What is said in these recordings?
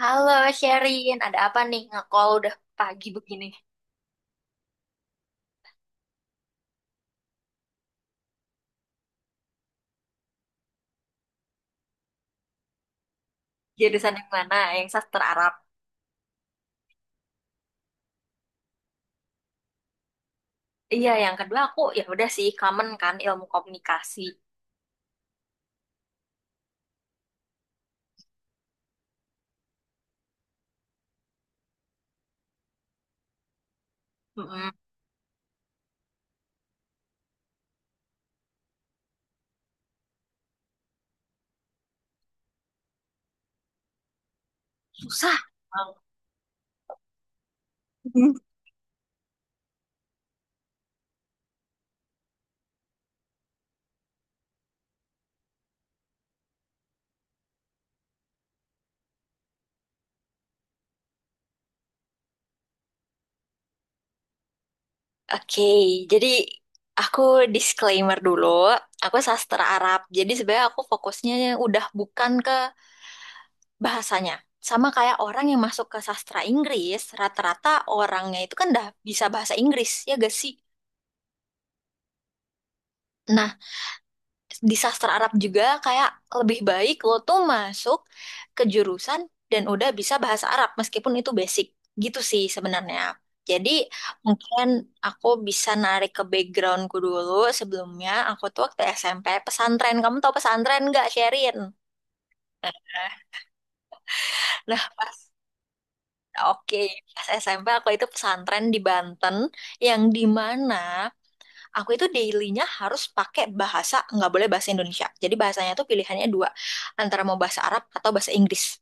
Halo Sherin, ada apa nih nge-call udah pagi begini? Jurusan yang mana? Yang sastra Arab. Iya, yang kedua aku ya udah sih common kan ilmu komunikasi. Mm-mm. Susah. Bang. Oke, jadi aku disclaimer dulu. Aku sastra Arab, jadi sebenarnya aku fokusnya udah bukan ke bahasanya. Sama kayak orang yang masuk ke sastra Inggris, rata-rata orangnya itu kan udah bisa bahasa Inggris, ya gak sih? Nah, di sastra Arab juga kayak lebih baik lo tuh masuk ke jurusan dan udah bisa bahasa Arab meskipun itu basic gitu sih sebenarnya. Jadi mungkin aku bisa narik ke backgroundku dulu. Sebelumnya aku tuh waktu SMP pesantren. Kamu tahu pesantren nggak, Sherin? Nah pas Oke, pas SMP aku itu pesantren di Banten, yang di mana aku itu dailynya harus pakai bahasa, nggak boleh bahasa Indonesia. Jadi bahasanya tuh pilihannya dua, antara mau bahasa Arab atau bahasa Inggris.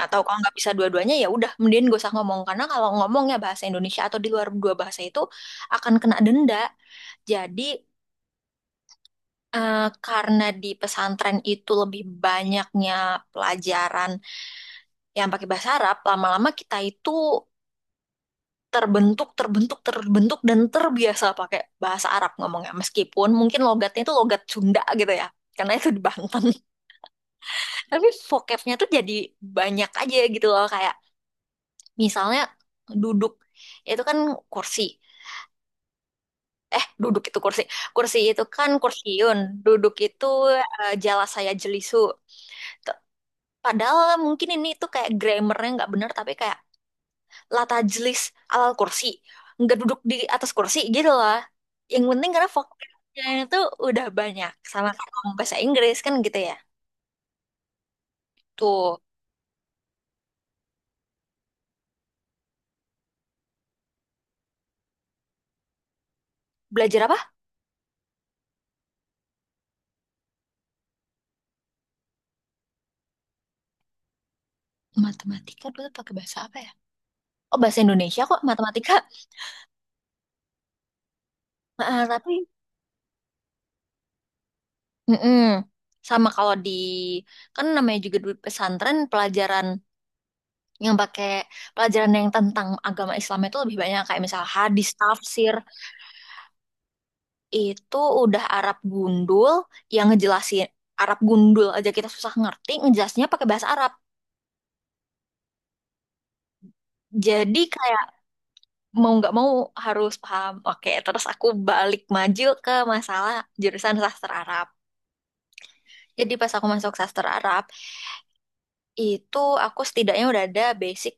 Atau kalau nggak bisa dua-duanya ya udah mending gak usah ngomong, karena kalau ngomongnya bahasa Indonesia atau di luar dua bahasa itu akan kena denda. Jadi, eh, karena di pesantren itu lebih banyaknya pelajaran yang pakai bahasa Arab, lama-lama kita itu terbentuk, terbentuk, terbentuk, dan terbiasa pakai bahasa Arab ngomongnya. Meskipun mungkin logatnya itu logat Sunda gitu ya, karena itu di Banten. Tapi vocabnya tuh jadi banyak aja gitu loh. Kayak misalnya duduk, itu kan kursi. Eh, duduk itu kursi. Kursi itu kan kursiun. Duduk itu, eh, jala saya jelisu. T- Padahal mungkin ini tuh kayak grammarnya nggak bener, tapi kayak la tajlis alal kursi, nggak duduk di atas kursi gitu lah, yang penting karena vokabnya itu udah banyak, sama kayak ngomong bahasa Inggris kan gitu ya. Tuh belajar apa. Matematika dulu pakai bahasa apa ya? Oh, bahasa Indonesia kok matematika. Ah, tapi mm-mm. Sama kalau di, kan namanya juga di pesantren, yang pakai pelajaran yang tentang agama Islam itu lebih banyak, kayak misal hadis tafsir. Itu udah Arab gundul. Yang ngejelasin Arab gundul aja kita susah ngerti, ngejelasinnya pakai bahasa Arab. Jadi kayak mau nggak mau harus paham. Oke, terus aku balik maju ke masalah jurusan sastra Arab. Jadi pas aku masuk sastra Arab itu, aku setidaknya udah ada basic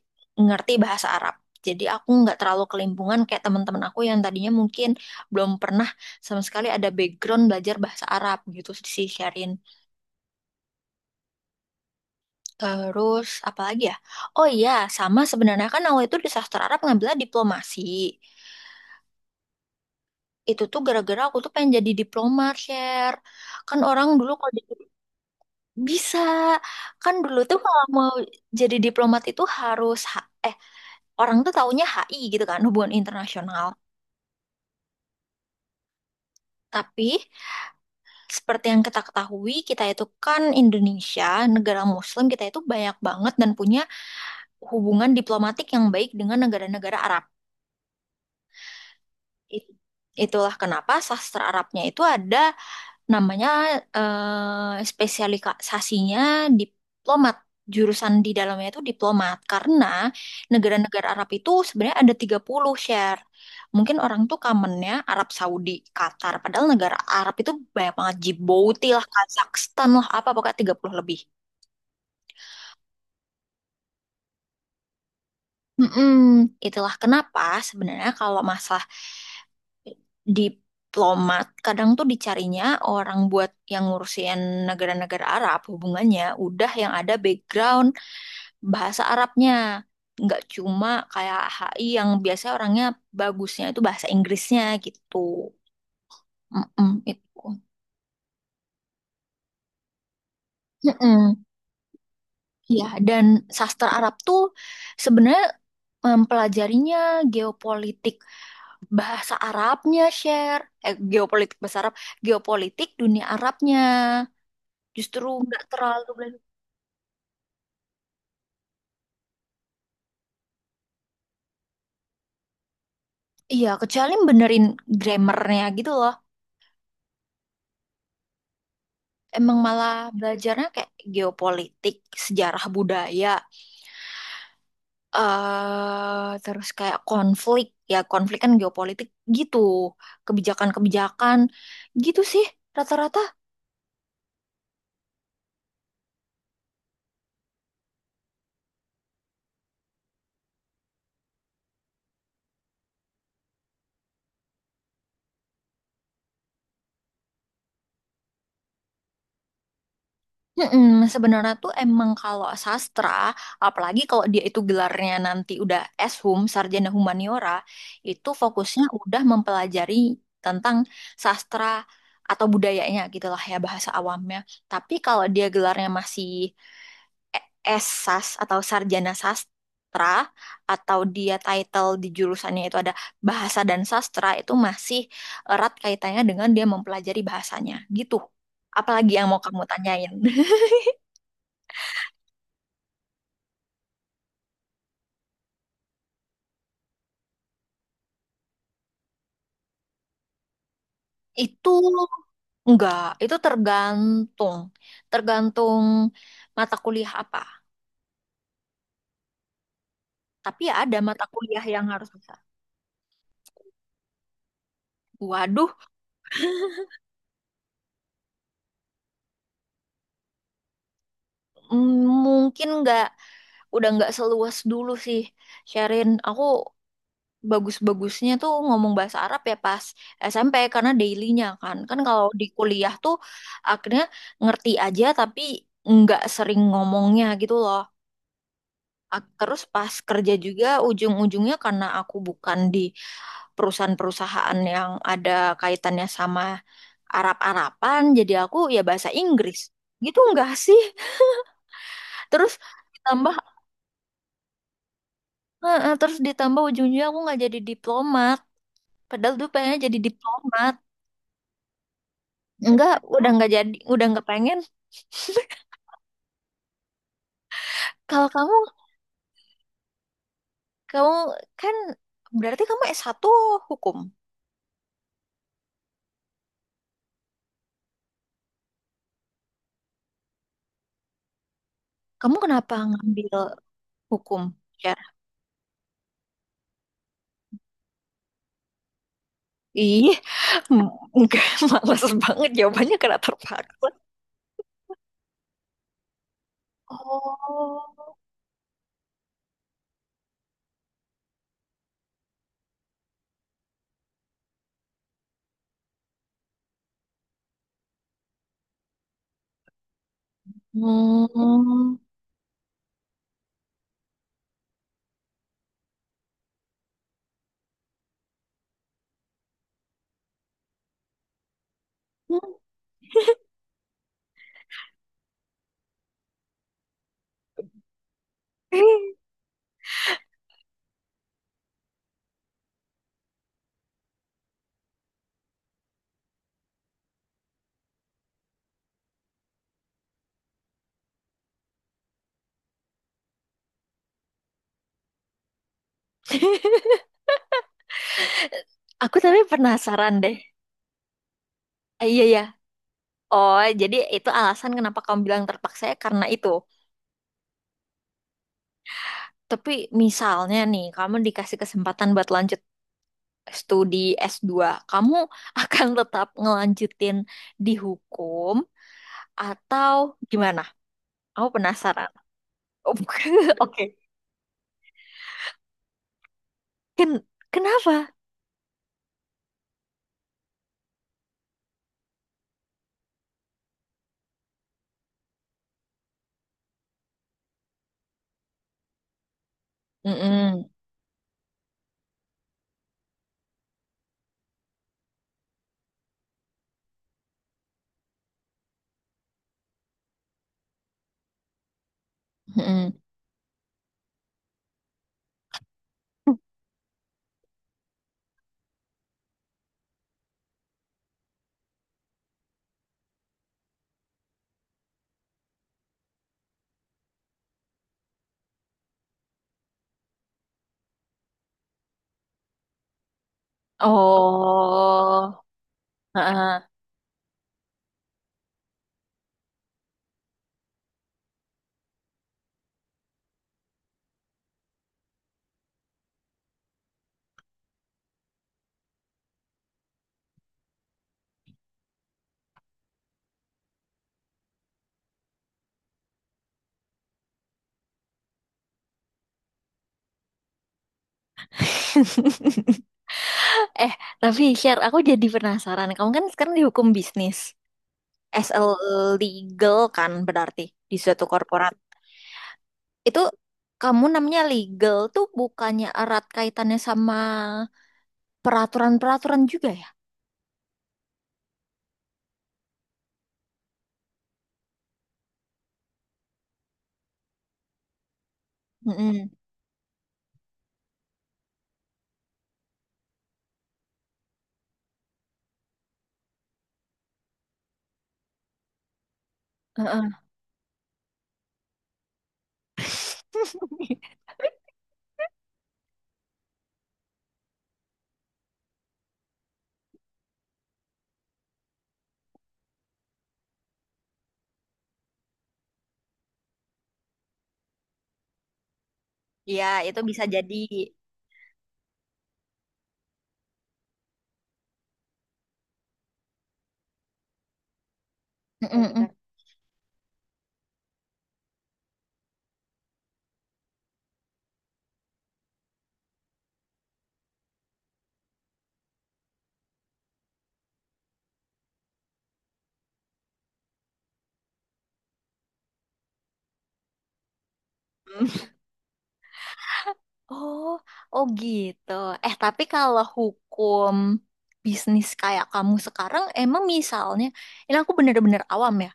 ngerti bahasa Arab. Jadi aku nggak terlalu kelimpungan kayak teman-teman aku yang tadinya mungkin belum pernah sama sekali ada background belajar bahasa Arab gitu sih, Syarin. Terus apa lagi ya? Oh iya, sama sebenarnya kan awal itu di sastra Arab ngambilnya diplomasi. Itu tuh gara-gara aku tuh pengen jadi diplomat, Share. Kan orang dulu kalau jadi. Bisa. Kan dulu tuh kalau mau jadi diplomat itu harus orang tuh taunya HI gitu kan, hubungan internasional. Tapi seperti yang kita ketahui, kita itu kan Indonesia, negara Muslim, kita itu banyak banget dan punya hubungan diplomatik yang baik dengan negara-negara Arab. It- Itulah kenapa sastra Arabnya itu ada namanya, eh, spesialisasinya diplomat. Jurusan di dalamnya itu diplomat, karena negara-negara Arab itu sebenarnya ada 30, Share. Mungkin orang tuh kamennya Arab Saudi, Qatar, padahal negara Arab itu banyak banget. Djibouti lah, Kazakhstan lah, apa pokoknya 30 lebih. Mm-mm. Itulah kenapa sebenarnya kalau masalah diplomat, kadang tuh dicarinya orang buat yang ngurusin negara-negara Arab, hubungannya udah yang ada background bahasa Arabnya, nggak cuma kayak HI yang biasanya orangnya bagusnya itu bahasa Inggrisnya gitu. Mm-mm, itu. Mm-mm. Ya, dan sastra Arab tuh sebenarnya mempelajarinya geopolitik bahasa Arabnya, Share, eh, geopolitik bahasa Arab, geopolitik dunia Arabnya. Justru nggak terlalu belajar. Iya, kecuali benerin grammarnya gitu loh. Emang malah belajarnya kayak geopolitik, sejarah budaya, terus kayak konflik. Ya, konflik kan geopolitik gitu. Kebijakan-kebijakan gitu sih. Rata-rata. Mm-mm, sebenarnya tuh emang kalau sastra, apalagi kalau dia itu gelarnya nanti udah S Hum, Sarjana Humaniora, itu fokusnya udah mempelajari tentang sastra atau budayanya gitu lah ya, bahasa awamnya. Tapi kalau dia gelarnya masih S Sas atau Sarjana Sastra, atau dia title di jurusannya itu ada Bahasa dan Sastra, itu masih erat kaitannya dengan dia mempelajari bahasanya gitu. Apalagi yang mau kamu tanyain? Itu enggak, itu tergantung, tergantung mata kuliah apa. Tapi ya ada mata kuliah yang harus bisa. Waduh, mungkin enggak, udah enggak seluas dulu sih. Sharin, aku bagus-bagusnya tuh ngomong bahasa Arab ya pas SMP, karena daily-nya kan. Kan kalau di kuliah tuh akhirnya ngerti aja tapi enggak sering ngomongnya gitu loh. Terus pas kerja juga ujung-ujungnya, karena aku bukan di perusahaan-perusahaan yang ada kaitannya sama Arab-Araban, jadi aku ya bahasa Inggris gitu enggak sih. Terus ditambah, ujung ujungnya aku nggak jadi diplomat, padahal dulu pengennya jadi diplomat. Enggak, udah nggak jadi, udah nggak pengen. Kalau kamu kamu kan berarti kamu S1 hukum, kamu kenapa ngambil hukum ya? Ih, enggak, males banget jawabannya karena terpaksa. Oh Oh. Aku tapi penasaran deh. Eh, iya ya. Oh, jadi itu alasan kenapa kamu bilang terpaksa ya, karena itu. Tapi misalnya nih, kamu dikasih kesempatan buat lanjut studi S2, kamu akan tetap ngelanjutin di hukum atau gimana? Aku penasaran. Oh, Oke. Ken kenapa? Mm-mm. Mm-mm. Oh. Heeh. Eh, tapi Share, aku jadi penasaran. Kamu kan sekarang di hukum bisnis. As a legal kan berarti di suatu korporat. Itu kamu namanya legal tuh bukannya erat kaitannya sama peraturan-peraturan juga ya? Mm-mm. Heeh. Iya, itu bisa jadi. Mm-mm. Oh, oh gitu. Eh, tapi kalau hukum bisnis kayak kamu sekarang, emang misalnya, ini aku bener-bener awam ya.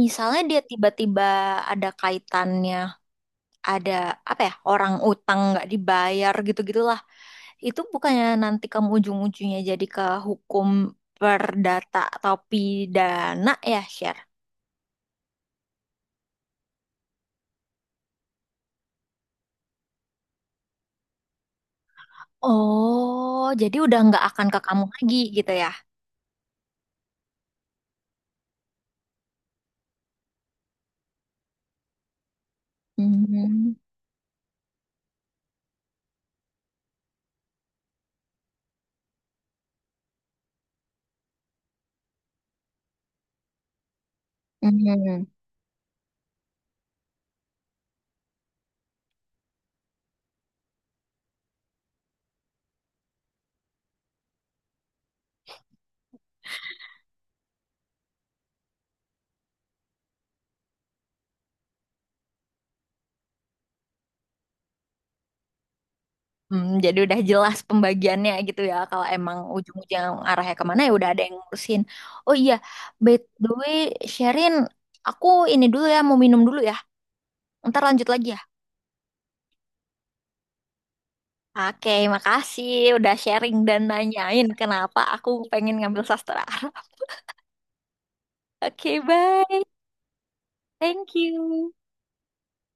Misalnya dia tiba-tiba ada kaitannya, ada apa ya, orang utang nggak dibayar gitu-gitulah. Itu bukannya nanti kamu ujung-ujungnya jadi ke hukum perdata atau pidana ya, Sher? Oh, jadi udah nggak akan ke kamu lagi gitu ya? Mhm. Mhm. Hmm, jadi udah jelas pembagiannya gitu ya. Kalau emang ujung-ujung arahnya kemana ya udah ada yang ngurusin. Oh iya, by the way, Sherin, aku ini dulu ya mau minum dulu ya. Ntar lanjut lagi ya. Oke, makasih udah sharing dan nanyain kenapa aku pengen ngambil sastra. Oke, bye. Thank you.